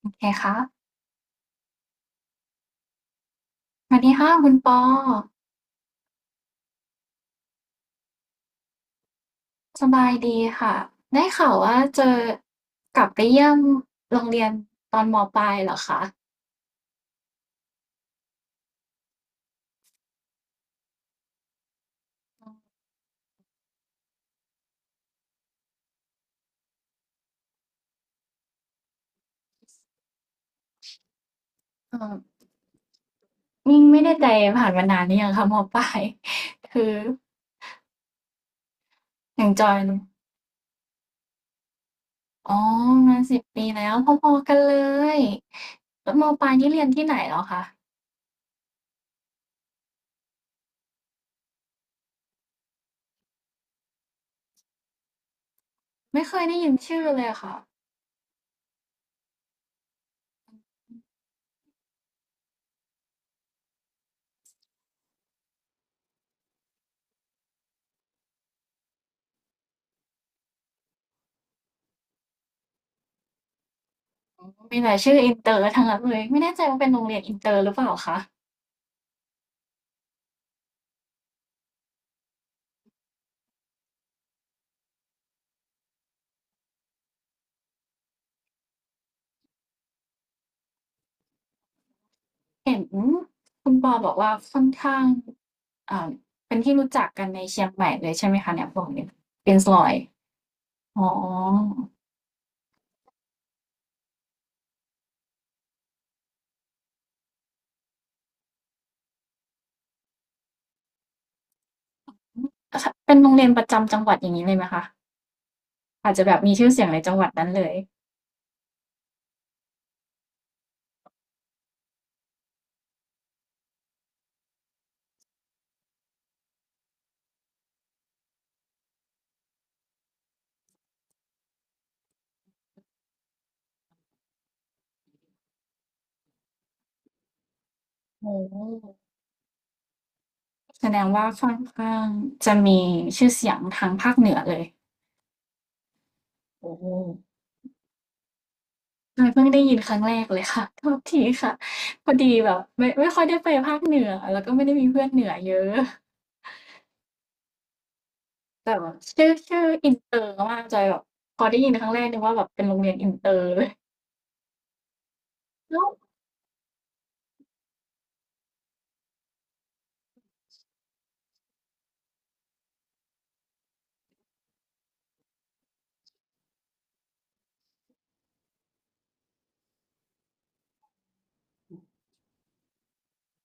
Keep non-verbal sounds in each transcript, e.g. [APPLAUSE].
โอเคค่ะสวัสดีค่ะคุณปอสบายดีค่ะได้ข่าวว่าเจอกลับไปเยี่ยมโรงเรียนตอนมปลายเหรอคะเออนี่งไม่ได้ใจผ่านมานานหร่อยังคะมปลาย [LAUGHS] คืออย่างจอยอ๋อมาสิบปีแล้วพอๆกันเลยแล้วมปลายนี่เรียนที่ไหนเหรอคะไม่เคยได้ยินชื่อเลยค่ะมีแต่ชื่ออินเตอร์ทั้งนั้นเลยไม่แน่ใจว่าเป็นโรงเรียนอินเตอร์หรือเปล่าคะ เห็นคุณปอบอกว่าค่อนข้างอ่าเป็นที่รู้จักกันในเชียงใหม่เลยใช่ไหมคะเนี่ยบอกเนี่ยเป็นซอยอ๋อเป็นโรงเรียนประจำจังหวัดอย่างนี้เลยไหมคะอาจจะแบบมีชื่อเสียงในจังหวัดนั้นเลยโอ้แสดงว่าค่อนข้างจะมีชื่อเสียงทางภาคเหนือเลยโอ้ใช่เพิ่งได้ยินครั้งแรกเลยค่ะโทษทีค่ะพอดีแบบไม่ค่อยได้ไปภาคเหนือ แล้วก็ไม่ได้มีเพื่อนเหนือเยอะ แต่แบบชื่ออินเตอร์มากจอยแบบพอได้ยินครั้งแรกนึกว่าแบบเป็นโรงเรียนอินเตอร์เลยแล้ว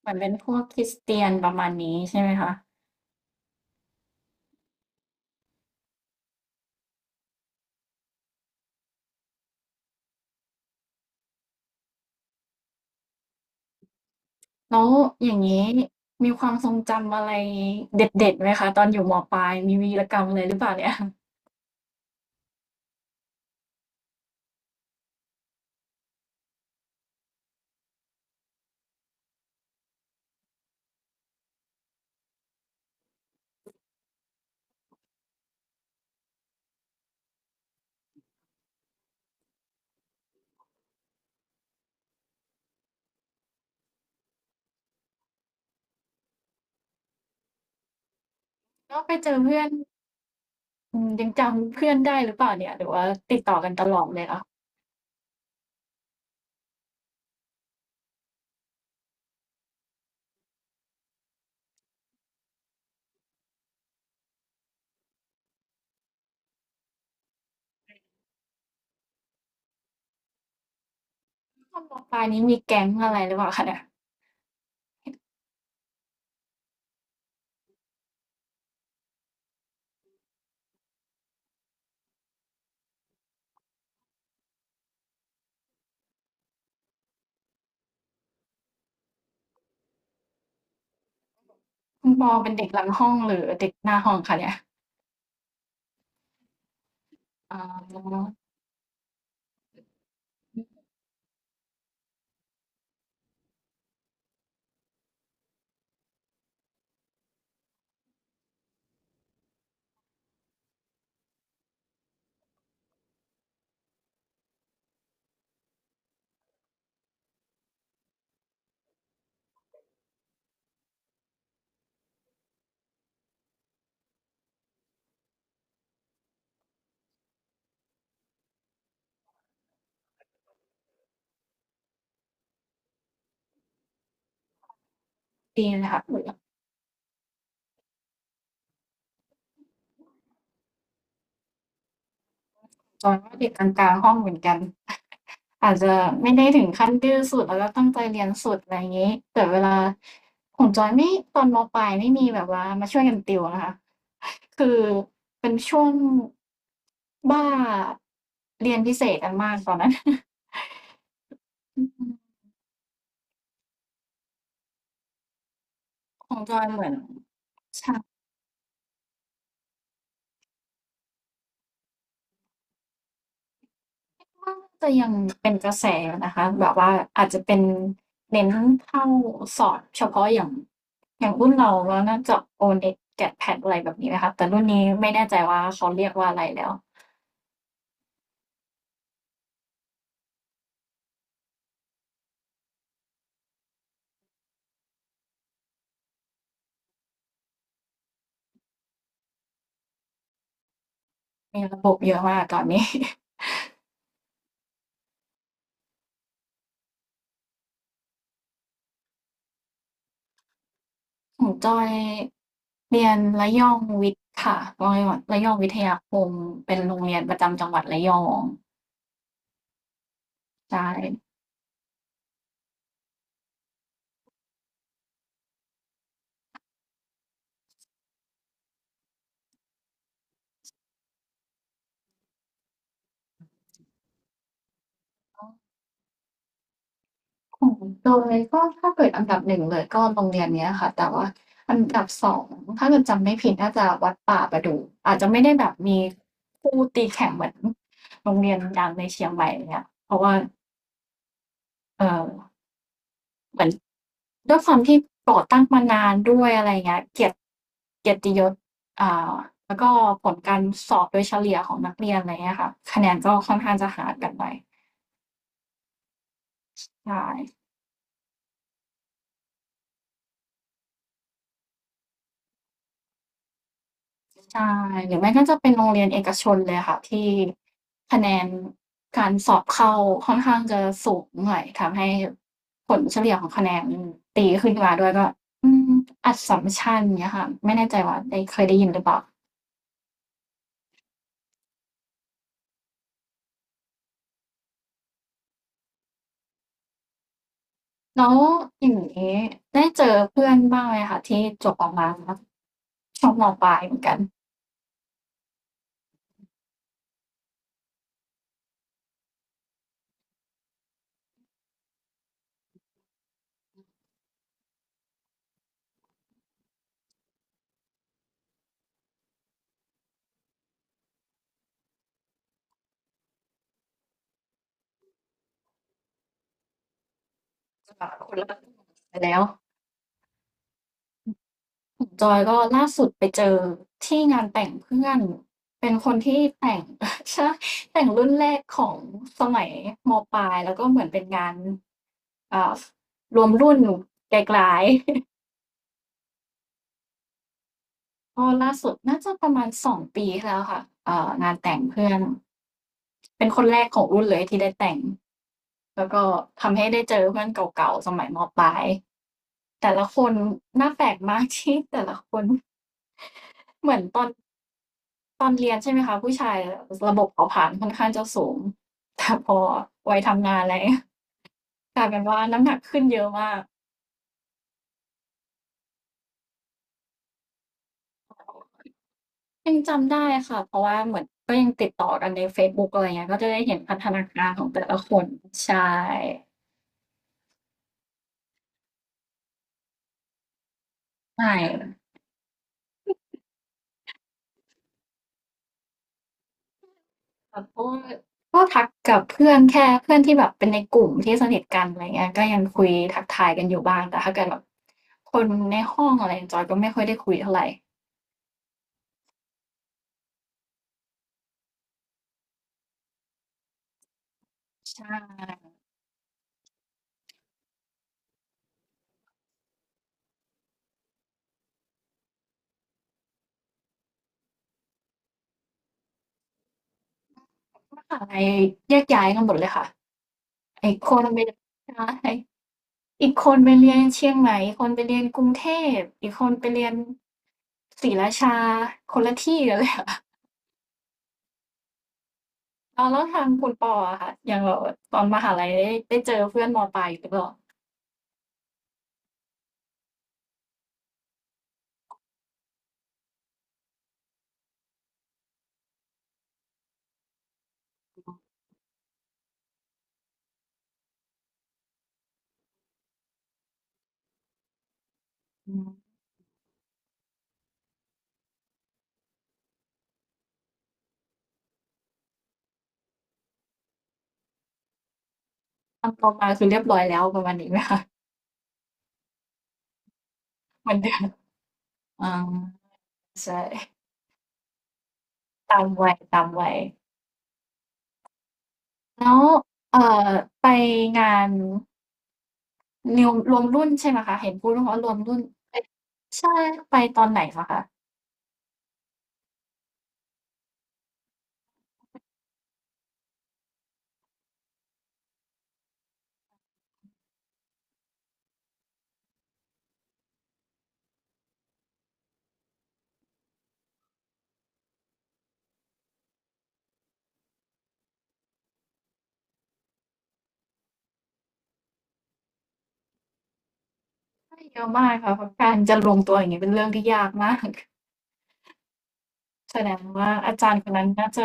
เหมือนเป็นพวกคริสเตียนประมาณนี้ใช่ไหมคะแล้วอย่างงี้มีความทรงจำอะไรเด็ดๆไหมคะตอนอยู่มปลายมีวีรกรรมอะไรหรือเปล่าเนี่ยแล้วไปเจอเพื่อนอืมยังจำเพื่อนได้หรือเปล่าเนี่ยหรือว่าติดต่อกันตลอดเลยคะตอนมปลายนี้มีแก๊งอะไรหรือเปล่าคะเนี่ยคุณปอเป็นเด็กหลังห้องหรือเด็กหน้าห้องคะเนี่ยอ๋อดีเลยค่ะ จอยว่าเด็กกลางๆห้องเหมือนกัน [LAUGHS] อาจจะไม่ได้ถึงขั้นดื้อสุดแล้วก็ตั้งใจเรียนสุดอะไรอย่างนี้แต่เวลาของจอยไม่ตอนมปลายไม่มีแบบว่ามาช่วยกันติวนะคะ [LAUGHS] คือเป็นช่วงบ้าเรียนพิเศษกันมากตอนนั้น [LAUGHS] อืมของจอยเหมือนใช่ ก็จะยังเป็นกระแสอยู่นะคะแบบว่าอาจจะเป็นเน้นเข้าสอบเฉพาะอย่างอย่างรุ่นเราแล้วน่าจะ O-NET GAT-PAT อะไรแบบนี้ไหมคะแต่รุ่นนี้ไม่แน่ใจว่าเขาเรียกว่าอะไรแล้วมีระบบเยอะมากตอนนี้ [LAUGHS] ของจอยเรียนระยองวิทย์ค่ะระยองวิทยาคมเป็นโรงเรียนประจำจังหวัดระยองใช่ ของเตยก็ถ้าเกิดอันดับหนึ่งเลยก็โรงเรียนเนี้ยค่ะแต่ว่าอันดับสองถ้าเกิดจำไม่ผิดน่าจะวัดป่าประดู่อาจจะไม่ได้แบบมีคู่ตีแข่งเหมือนโรงเรียนดังในเชียงใหม่อย่างเงี้ยเพราะว่าเอ่อเหมือนด้วยความที่ก่อตั้งมานานด้วยอะไรอย่างเงี้ยเกียรติยศอ่าแล้วก็ผลการสอบโดยเฉลี่ยของนักเรียนอะไรเงี้ยค่ะคะแนนก็ค่อนข้างจะห่างกันไปใช่ ใช่หรือไม่ก็จะเป็นโรงเรียนเอกชนเลยค่ะที่คะแนนการสอบเข้าค่อนข้างจะสูงหน่อยทำให้ผลเฉลี่ยของคะแนนตีขึ้นมาด้วยก็อืมอัสสัมชัญเงี้ยค่ะไม่แน่ใจว่าได้เคยได้ยินหรือเปล่าแล้วอย่างงี้ได้เจอเพื่อนบ้างไหมคะที่จบออกมาแล้วช่วงมปลายเหมือนกันจะแบบคนละไปแล้ว ของจอยก็ล่าสุดไปเจอที่งานแต่งเพื่อนเป็นคนที่แต่ง [LAUGHS] ใช่แต่งรุ่นแรกของสมัยมปลายแล้วก็เหมือนเป็นงานเอ่ารวมรุ่นไกลๆ [LAUGHS] ก็ล่าสุดน่าจะประมาณสองปีที่แล้วค่ะงานแต่งเพื่อนเป็นคนแรกของรุ่นเลยที่ได้แต่งแล้วก็ทำให้ได้เจอเพื่อนเก่าๆสมัยมปลายแต่ละคนหน่าแปลกมากที่แต่ละคน [LAUGHS] เหมือนตอนเรียนใช่ไหมคะผู้ชายระบบเผาผลาญค่อนข้างจะสูง [LAUGHS] แต่พอวัยทำงานอะไร [LAUGHS] เงี้ยกลายเป็นว่าน้ำหนักขึ้นเยอะมากยังจำได้ค่ะเพราะว่าเหมือนก็ยังติดต่อกันในเฟซบุ๊กอะไรเงี้ยก็จะได้เห็นพัฒนาการของแต่ละคนใช่ใช่ค่ะเพราะว่าก็ทักกับเพื่อนแค่เพื่อนที่แบบเป็นในกลุ่มที่สนิทกันอะไรเงี้ยก็ยังคุยทักทายกันอยู่บ้างแต่ถ้าเกิดแบบคนในห้องอะไรจอยก็ไม่ค่อยได้คุยเท่าไรใช่มหาลัยแยกย้ายกันหมดเลยค่ะ ไอ้คนไปใช่อีกคนไปเรียนเชียงใหม่อีกคนไปเรียนกรุงเทพ อีกคนไปเรียนศรีราชาคนละที่กันเลยอะ [LAUGHS] อ้เวแล้วทางคุณปออะค่ะอย่างแบบตอนมหาลัยได้เจอเพื่อนมปลายอยู่หรือเปล่าอืมตอนโตมาคือเรียบร้อยแล้วประมาณนี้ไหมคะเหมือนเดิมอาใช่ตามวัยตามวัยแล้วเอ่อไปงานรวมรุ่นใช่ไหมคะเห็นพูดว่ารวมรุ่นไปใช่ไปตอนไหนเหรอคะ ใช่เยอะมากค่ะเพราะการจะรวงตัวอย่างงี้เป็นเรื่องที่ยากมากแสดงว่าอาจารย์คนนั้นน่าจะ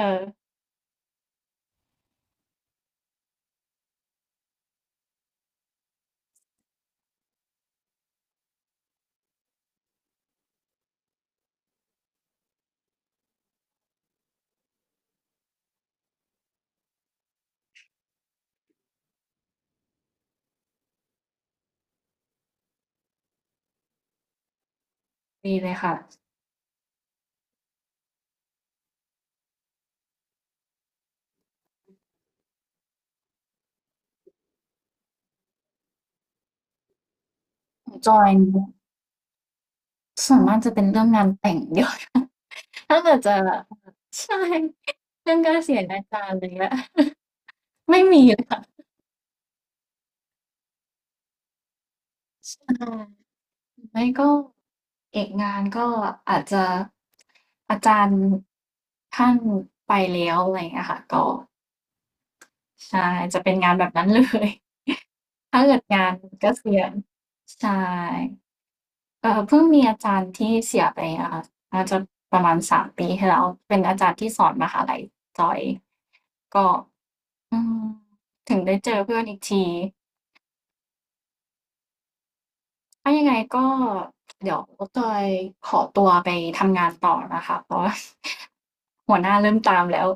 ดีเลยค่ะของจอยเนี่ยส่วนมากจะเป็นเรื่องงานแต่งเดียอะ [LAUGHS] ถ้าเกิดจะใช่เรื่องการเสียอาจารย์อะไรเงี้ย [LAUGHS] ไม่มีเลยค่ะอาไม่ก็เอกงานก็อาจจะอาจารย์ท่านไปแล้วอะไรเงี้ยค่ะก็ใช่จะเป็นงานแบบนั้นเลย [LAUGHS] ถ้าเกิดงานเกษียณใช่ เพิ่งมีอาจารย์ที่เสียไปอะค่ะน่าจะประมาณ3ปีที่แล้วเป็นอาจารย์ที่สอนมหาลัยจอยก็อืมถึงได้เจอเพื่อนอีกทีถ้ายังไงก็เดี๋ยวจอยขอตัวไปทำงานต่อนะคะเพราะว่า [LAUGHS] หัวหน้าเริ่มตามแล้ว